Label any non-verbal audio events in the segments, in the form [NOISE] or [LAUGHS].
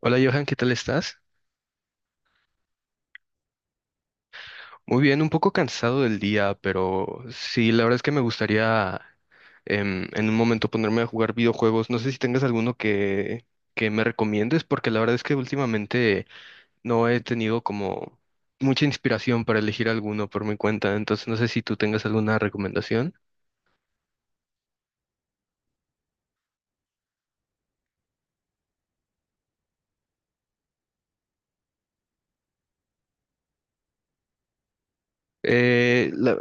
Hola Johan, ¿qué tal estás? Muy bien, un poco cansado del día, pero sí, la verdad es que me gustaría en un momento ponerme a jugar videojuegos. No sé si tengas que me recomiendes, porque la verdad es que últimamente no he tenido como mucha inspiración para elegir alguno por mi cuenta, entonces no sé si tú tengas alguna recomendación. Eh, la-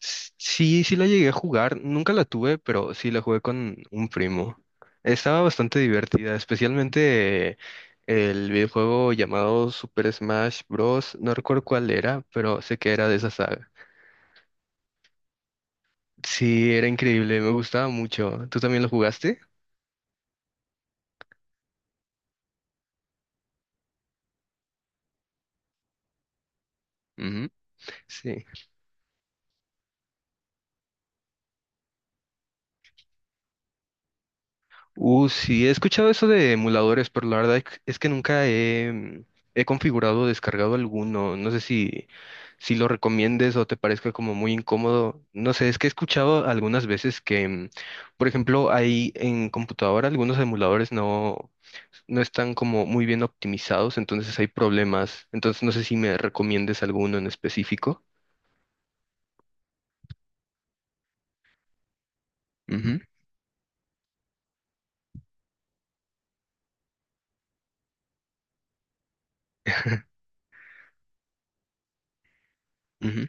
sí, sí la llegué a jugar, nunca la tuve, pero sí la jugué con un primo. Estaba bastante divertida, especialmente el videojuego llamado Super Smash Bros. No recuerdo cuál era, pero sé que era de esa saga. Sí, era increíble, me gustaba mucho. ¿Tú también lo jugaste? Sí. Sí, he escuchado eso de emuladores, pero la verdad es que nunca he, he configurado o descargado alguno. No sé si, si lo recomiendes o te parezca como muy incómodo. No sé, es que he escuchado algunas veces que, por ejemplo, hay en computadora algunos emuladores no, no están como muy bien optimizados, entonces hay problemas. Entonces no sé si me recomiendes alguno en específico. Ujú. [LAUGHS] Ujú.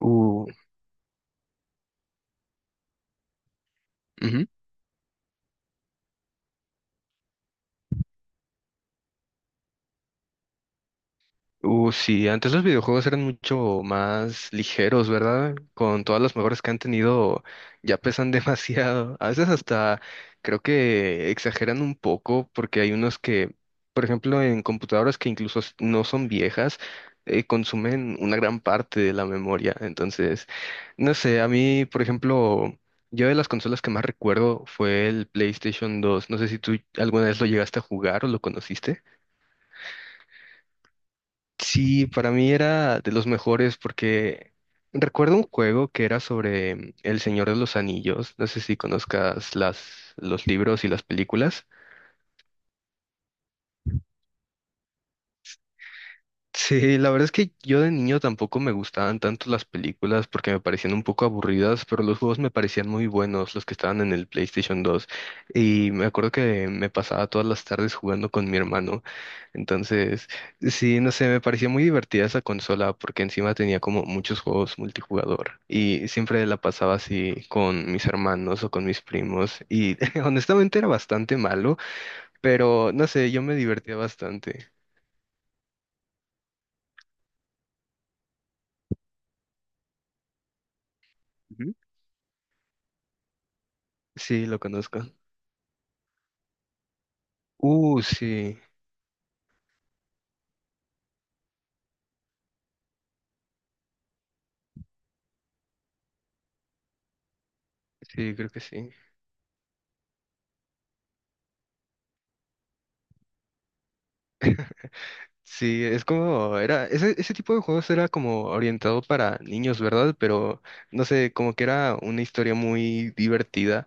Uh, ujú. Sí, antes los videojuegos eran mucho más ligeros, ¿verdad? Con todas las mejoras que han tenido, ya pesan [LAUGHS] demasiado. A veces hasta creo que exageran un poco porque hay unos que, por ejemplo, en computadoras que incluso no son viejas, consumen una gran parte de la memoria. Entonces, no sé, a mí, por ejemplo, yo de las consolas que más recuerdo fue el PlayStation 2. No sé si tú alguna vez lo llegaste a jugar o lo conociste. Sí, para mí era de los mejores porque recuerdo un juego que era sobre El Señor de los Anillos. No sé si conozcas los libros y las películas. Sí, la verdad es que yo de niño tampoco me gustaban tanto las películas porque me parecían un poco aburridas, pero los juegos me parecían muy buenos, los que estaban en el PlayStation dos. Y me acuerdo que me pasaba todas las tardes jugando con mi hermano. Entonces, sí, no sé, me parecía muy divertida esa consola porque encima tenía como muchos juegos multijugador y siempre la pasaba así con mis hermanos o con mis primos y [LAUGHS] honestamente era bastante malo, pero no sé, yo me divertía bastante. Ujú. Sí, lo conozco. Sí, sí, creo que sí. Sí, es ese tipo de juegos era como orientado para niños, ¿verdad? Pero no sé, como que era una historia muy divertida.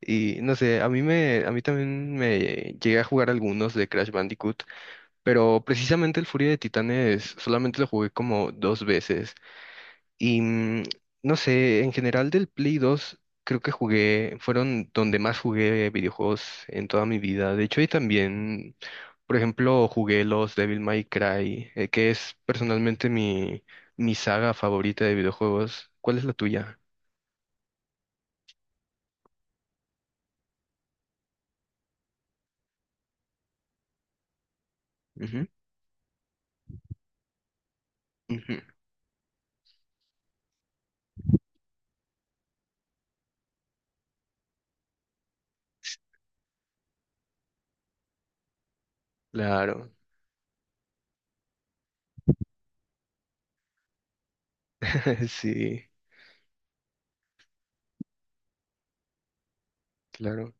Y no sé, a mí también me llegué a jugar algunos de Crash Bandicoot, pero precisamente el Furia de Titanes solamente lo jugué como dos veces. Y no sé, en general del Play 2 creo que jugué, fueron donde más jugué videojuegos en toda mi vida. De hecho, y también, por ejemplo, jugué los Devil May Cry, que es personalmente mi saga favorita de videojuegos. ¿Cuál es la tuya? Ujú, ujú. Claro, [LAUGHS] sí, claro.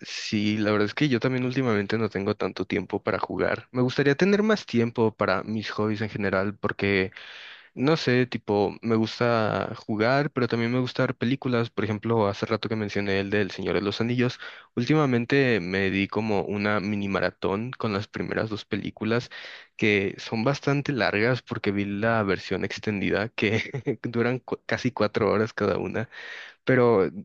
Sí, la verdad es que yo también últimamente no tengo tanto tiempo para jugar. Me gustaría tener más tiempo para mis hobbies en general porque... No sé, tipo, me gusta jugar, pero también me gusta ver películas. Por ejemplo, hace rato que mencioné el del Señor de los Anillos. Últimamente me di como una mini maratón con las primeras dos películas, que son bastante largas porque vi la versión extendida que [LAUGHS] duran casi cuatro horas cada una. Pero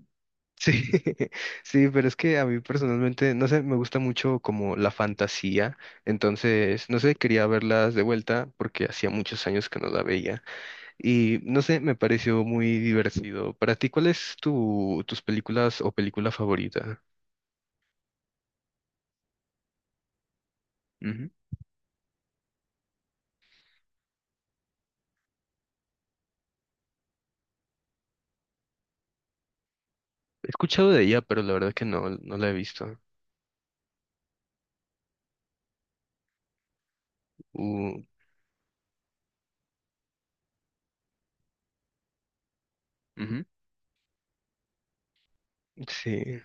sí, [LAUGHS] sí, pero es que a mí personalmente, no sé, me gusta mucho como la fantasía. Entonces, no sé, quería verlas de vuelta porque hacía muchos años que no la veía. Y no sé, me pareció muy divertido. Para ti, ¿cuál es tus películas o película favorita? Ujú. He escuchado de ella, pero la verdad que no la he visto. Uh, Ujú. Sí,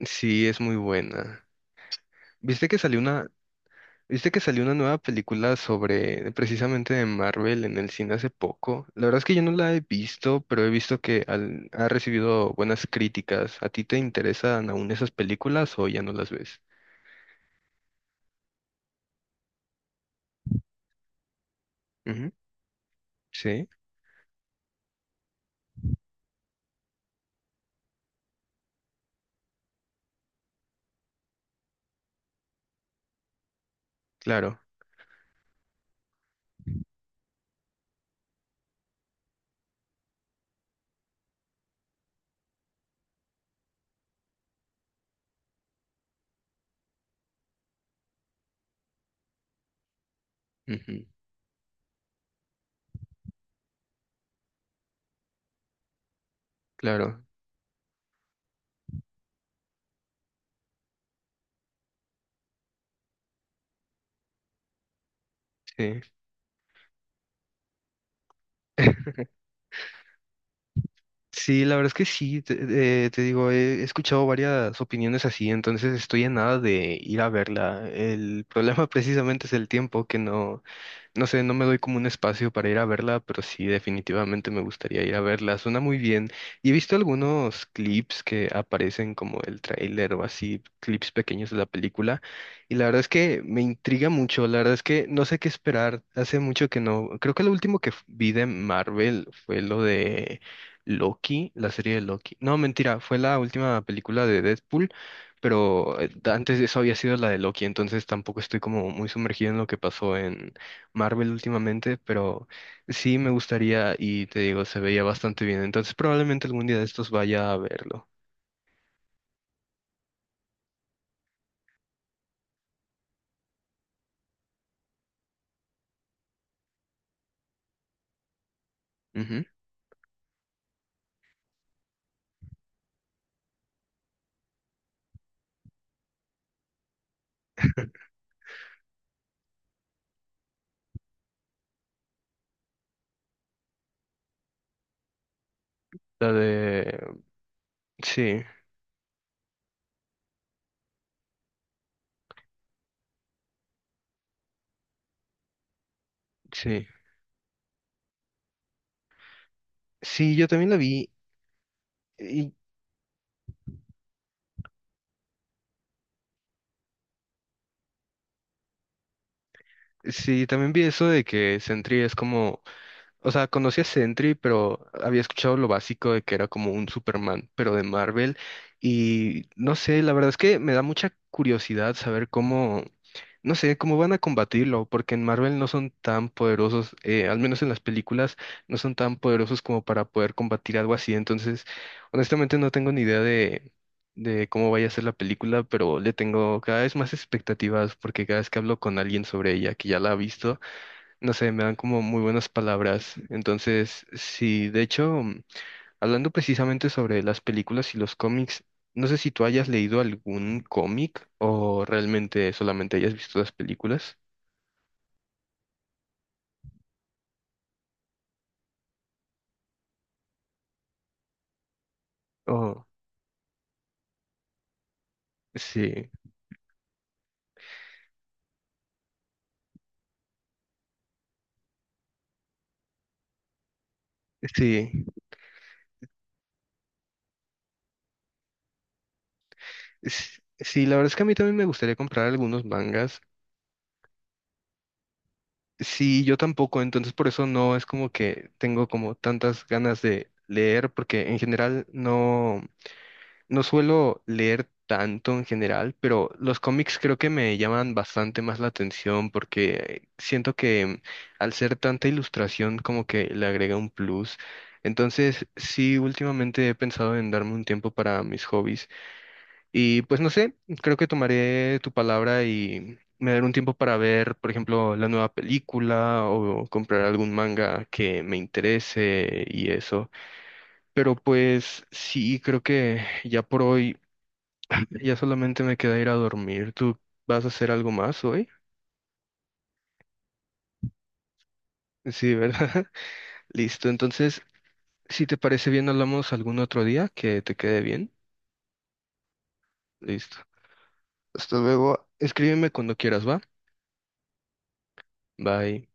sí, es muy buena. ¿Viste que salió una, ¿viste que salió una nueva película sobre precisamente de Marvel en el cine hace poco? La verdad es que yo no la he visto, pero he visto que ha recibido buenas críticas. ¿A ti te interesan aún esas películas o ya no las ves? Ujú, sí, claro. Claro, sí. Sí, la verdad es que sí, te digo, he escuchado varias opiniones así, entonces estoy en nada de ir a verla. El problema [LAUGHS] precisamente es el tiempo, que no, no sé, no me doy como un espacio para ir a verla, pero sí, definitivamente me gustaría ir a verla. Suena muy bien. Y he visto algunos clips que aparecen como el tráiler o así, clips pequeños de la película, y la verdad es que me intriga mucho, la verdad es que no sé qué esperar. Hace mucho que no, creo que lo último que vi de Marvel fue lo de... Loki, la serie de Loki. No, mentira, fue la última película de Deadpool, pero antes de eso había sido la de Loki, entonces tampoco estoy como muy sumergido en lo que pasó en Marvel últimamente, pero sí me gustaría y te digo, se veía bastante bien, entonces probablemente algún día de estos vaya a verlo. Ujú. [LAUGHS] La de... Sí, sí. Sí, yo también la vi. Y sí, también vi eso de que Sentry es como... O sea, conocí a Sentry, pero había escuchado lo básico de que era como un Superman, pero de Marvel. Y no sé, la verdad es que me da mucha curiosidad saber cómo, no sé, cómo van a combatirlo, porque en Marvel no son tan poderosos, al menos en las películas, no son tan poderosos como para poder combatir algo así. Entonces, honestamente no tengo ni idea de cómo vaya a ser la película, pero le tengo cada vez más expectativas, porque cada vez que hablo con alguien sobre ella, que ya la ha visto, no sé, me dan como muy buenas palabras. Entonces, sí, de hecho, hablando precisamente sobre las películas y los cómics, no sé si tú hayas leído algún cómic o realmente solamente hayas visto las películas. Oh, sí, sí, sí, la verdad es que a mí también me gustaría comprar algunos mangas. Sí, yo tampoco, entonces por eso no es como que tengo como tantas ganas de leer, porque en general no. No suelo leer tanto en general, pero los cómics creo que me llaman bastante más la atención porque siento que al ser tanta ilustración como que le agrega un plus. Entonces, sí, últimamente he pensado en darme un tiempo para mis hobbies y pues no sé, creo que tomaré tu palabra y me daré un tiempo para ver, por ejemplo, la nueva película o comprar algún manga que me interese y eso. Pero pues sí, creo que ya por hoy ya solamente me queda ir a dormir. ¿Tú vas a hacer algo más hoy? Sí, ¿verdad? [LAUGHS] Listo. Entonces, si te parece bien, hablamos algún otro día que te quede bien. Listo. Hasta luego. Escríbeme cuando quieras, ¿va? Bye.